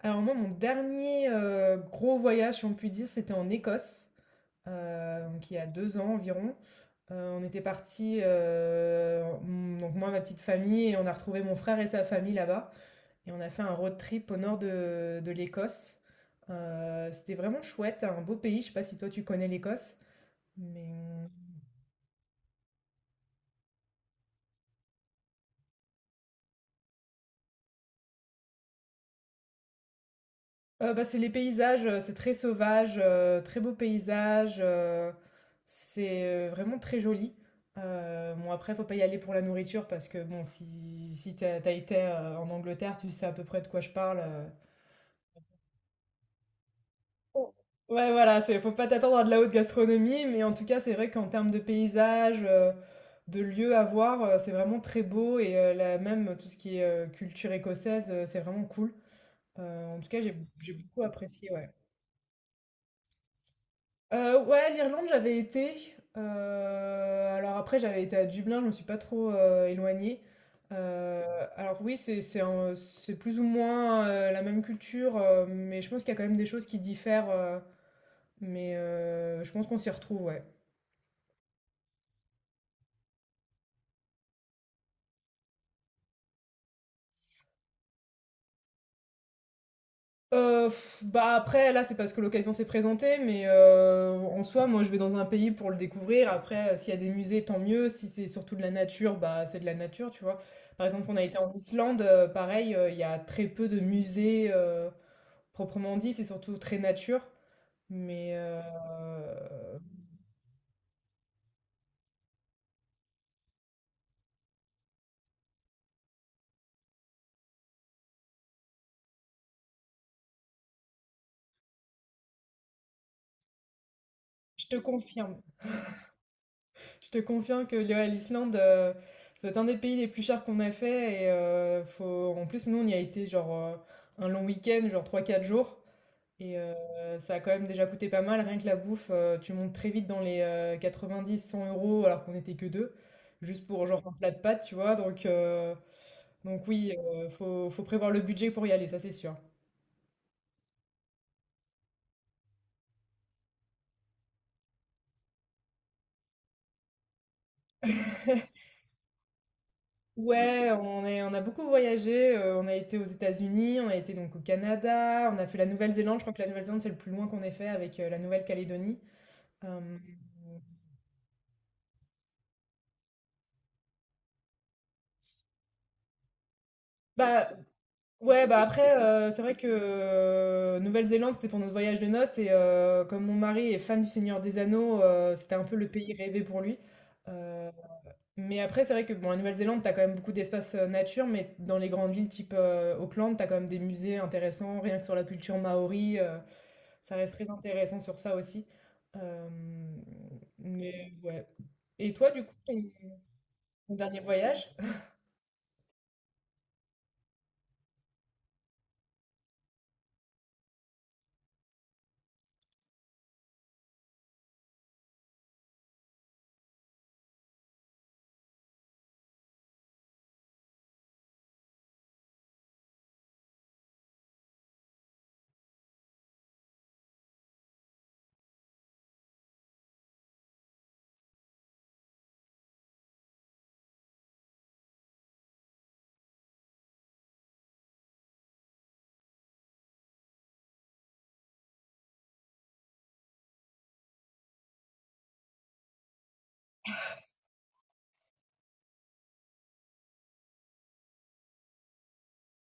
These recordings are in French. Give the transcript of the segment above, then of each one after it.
Alors moi, mon dernier, gros voyage, si on peut dire, c'était en Écosse, heu, donc il y a 2 ans environ. On était parti, donc moi, ma petite famille, et on a retrouvé mon frère et sa famille là-bas, et on a fait un road trip au nord de l'Écosse. C'était vraiment chouette, un beau pays. Je sais pas si toi tu connais l'Écosse? Mais bah, c'est les paysages, c'est très sauvage, très beaux paysages, c'est, vraiment très joli. Bon, après, faut pas y aller pour la nourriture, parce que bon, si t'as as été, en Angleterre, tu sais à peu près de quoi je parle. Ouais, voilà, c'est faut pas t'attendre à de la haute gastronomie, mais en tout cas, c'est vrai qu'en termes de paysages, de lieux à voir, c'est vraiment très beau, et là même tout ce qui est, culture écossaise, c'est vraiment cool. En tout cas, j'ai beaucoup apprécié, ouais. Ouais, l'Irlande, j'avais été, alors après j'avais été à Dublin, je me suis pas trop, éloignée. Heu, alors oui, c'est plus ou moins, la même culture, mais je pense qu'il y a quand même des choses qui diffèrent, mais je pense qu'on s'y retrouve, ouais. Bah, après, là, c'est parce que l'occasion s'est présentée, mais en soi, moi, je vais dans un pays pour le découvrir. Après, s'il y a des musées, tant mieux. Si c'est surtout de la nature, bah c'est de la nature, tu vois. Par exemple, on a été en Islande, pareil, il y a très peu de musées proprement dit, c'est surtout très nature. Mais je te confirme, je te confirme que ouais, l'Islande, c'est un des pays les plus chers qu'on a fait. Et faut... en plus, nous, on y a été genre un long week-end, genre trois quatre jours. Et ça a quand même déjà coûté pas mal, rien que la bouffe. Tu montes très vite dans les 90-100 euros, alors qu'on n'était que deux, juste pour genre un plat de pâtes, tu vois. Donc, oui, faut prévoir le budget pour y aller, ça c'est sûr. Ouais, on a beaucoup voyagé, on a été aux États-Unis, on a été donc au Canada, on a fait la Nouvelle-Zélande. Je crois que la Nouvelle-Zélande c'est le plus loin qu'on ait fait, avec la Nouvelle-Calédonie. Euh, bah, Ouais, bah, après, c'est vrai que Nouvelle-Zélande, c'était pour notre voyage de noces. Et comme mon mari est fan du Seigneur des Anneaux, c'était un peu le pays rêvé pour lui. Euh, mais après, c'est vrai que bon, à Nouvelle-Zélande, t'as quand même beaucoup d'espaces nature. Mais dans les grandes villes type Auckland, t'as quand même des musées intéressants, rien que sur la culture maori. Ça reste très intéressant sur ça aussi. Euh, mais ouais. Et toi, du coup, ton dernier voyage?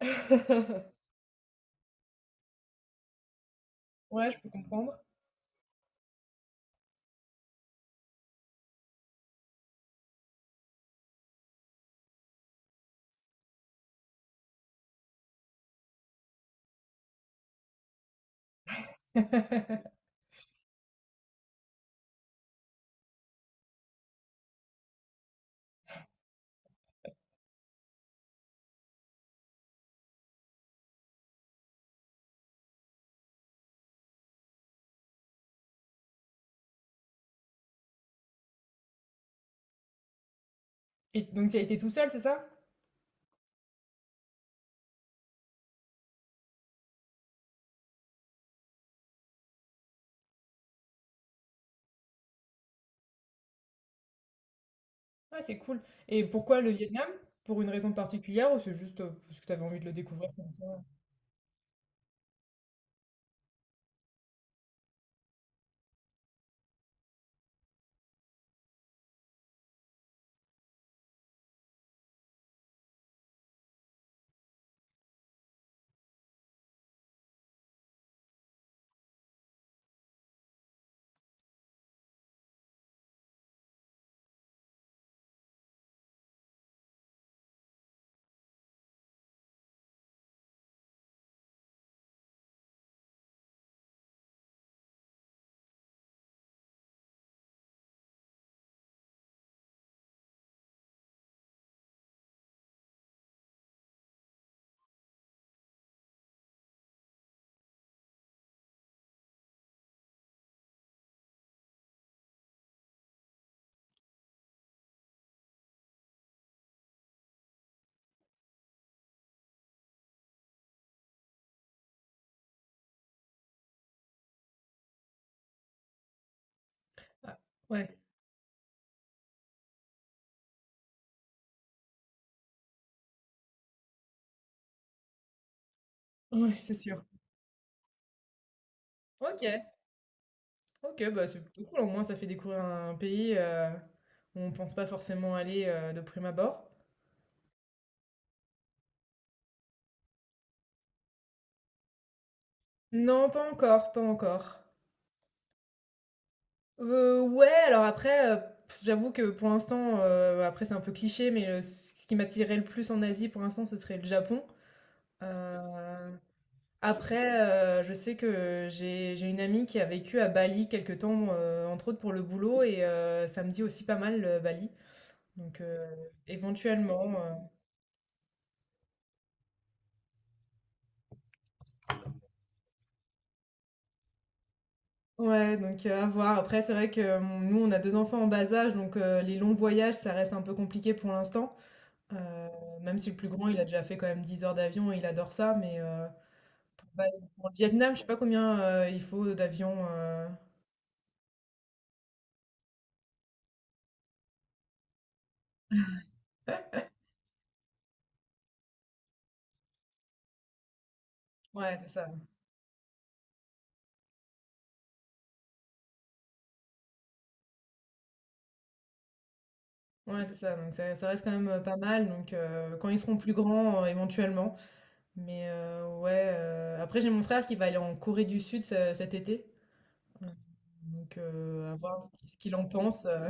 Ouais, je peux comprendre. Et donc, tu as été tout seul, c'est ça? Ah, c'est cool. Et pourquoi le Vietnam? Pour une raison particulière, ou c'est juste parce que tu avais envie de le découvrir comme ça? Ah, ouais, ouais, c'est sûr. Ok, ok, bah c'est plutôt cool. Au moins, ça fait découvrir un pays où on pense pas forcément aller, de prime abord. Non, pas encore, pas encore. Ouais, alors après, j'avoue que pour l'instant, après c'est un peu cliché, mais ce qui m'attirait le plus en Asie pour l'instant, ce serait le Japon. Euh, Après, je sais que j'ai une amie qui a vécu à Bali quelque temps, entre autres pour le boulot, et ça me dit aussi pas mal, Bali. Donc éventuellement, ouais. Donc à voir. Après, c'est vrai que, nous, on a 2 enfants en bas âge, donc les longs voyages, ça reste un peu compliqué pour l'instant. Heu, Même si le plus grand, il a déjà fait quand même 10 heures d'avion, et il adore ça. Mais pour Bali, pour le Vietnam, je sais pas combien, il faut d'avions. Ouais, c'est ça. Ouais, c'est ça. Donc ça reste quand même, pas mal. Donc quand ils seront plus grands, éventuellement. Mais ouais, après, j'ai mon frère qui va aller en Corée du Sud ce cet été. Donc à voir ce qu'il en pense.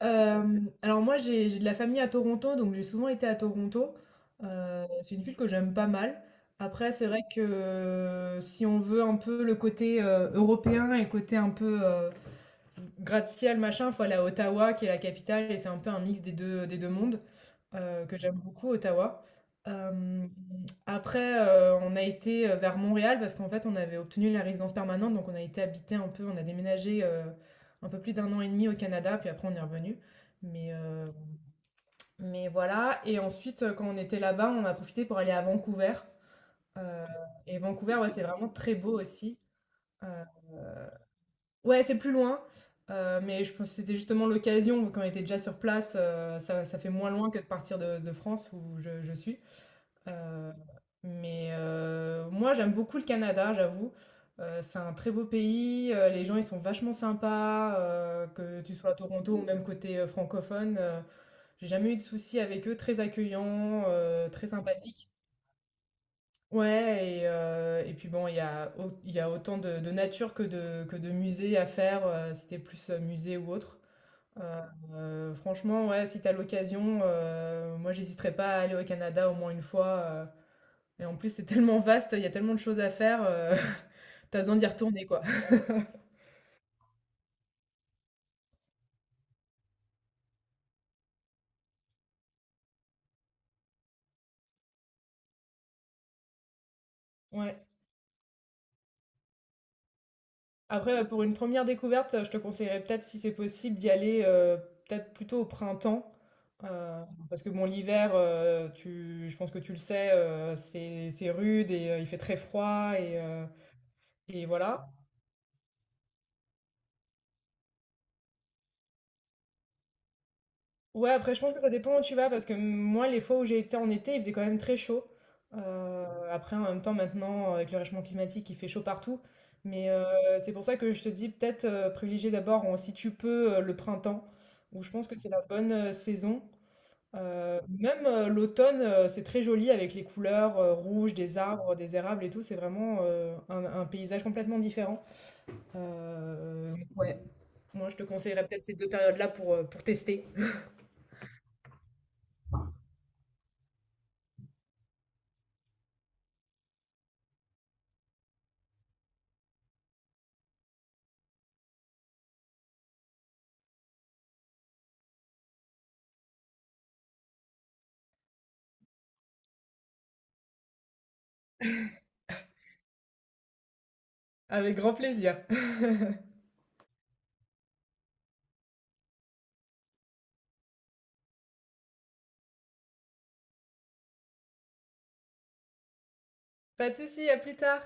Alors moi, j'ai de la famille à Toronto. Donc j'ai souvent été à Toronto. C'est une ville que j'aime pas mal. Après, c'est vrai que si on veut un peu le côté, européen, et le côté un peu, gratte-ciel, machin, faut aller à Ottawa, qui est la capitale, et c'est un peu un mix des deux mondes, que j'aime beaucoup, Ottawa. Euh, Après, on a été vers Montréal, parce qu'en fait, on avait obtenu la résidence permanente. Donc on a été habité un peu, on a déménagé un peu plus d'un an et demi au Canada, puis après, on est revenu. Mais, euh, mais voilà. Et ensuite, quand on était là-bas, on a profité pour aller à Vancouver. Euh, et Vancouver, ouais, c'est vraiment très beau aussi. Euh, Ouais, c'est plus loin, mais je pense que c'était justement l'occasion, vu qu'on était déjà sur place. Ça fait moins loin que de partir de France où je suis. heu, mais moi j'aime beaucoup le Canada, j'avoue. C'est un très beau pays. Les gens ils sont vachement sympas, que tu sois à Toronto ou même côté, francophone. J'ai jamais eu de soucis avec eux. Très accueillants, très sympathiques. Ouais, et puis bon, il y a autant de nature que de musée à faire, si tu plus, musée ou autre. Franchement, ouais, si t'as l'occasion, moi, j'hésiterais pas à aller au Canada au moins une fois. Et en plus, c'est tellement vaste, il y a tellement de choses à faire, tu besoin d'y retourner, quoi. Ouais. Après, pour une première découverte, je te conseillerais peut-être, si c'est possible, d'y aller, peut-être plutôt au printemps, heu, parce que bon, l'hiver, tu je pense que tu le sais, c'est rude, et il fait très froid, et voilà. Ouais, après, je pense que ça dépend où tu vas, parce que moi, les fois où j'ai été en été, il faisait quand même très chaud. Heu, Après, en même temps, maintenant, avec le réchauffement climatique, il fait chaud partout. Mais c'est pour ça que je te dis peut-être, privilégier d'abord, en si tu peux, le printemps, où je pense que c'est la bonne, saison. Même, l'automne, c'est très joli avec les couleurs, rouges des arbres, des érables et tout. C'est vraiment, un paysage complètement différent. Ouais, moi je te conseillerais peut-être ces 2 périodes-là pour tester. Avec grand plaisir. Pas de souci, à plus tard.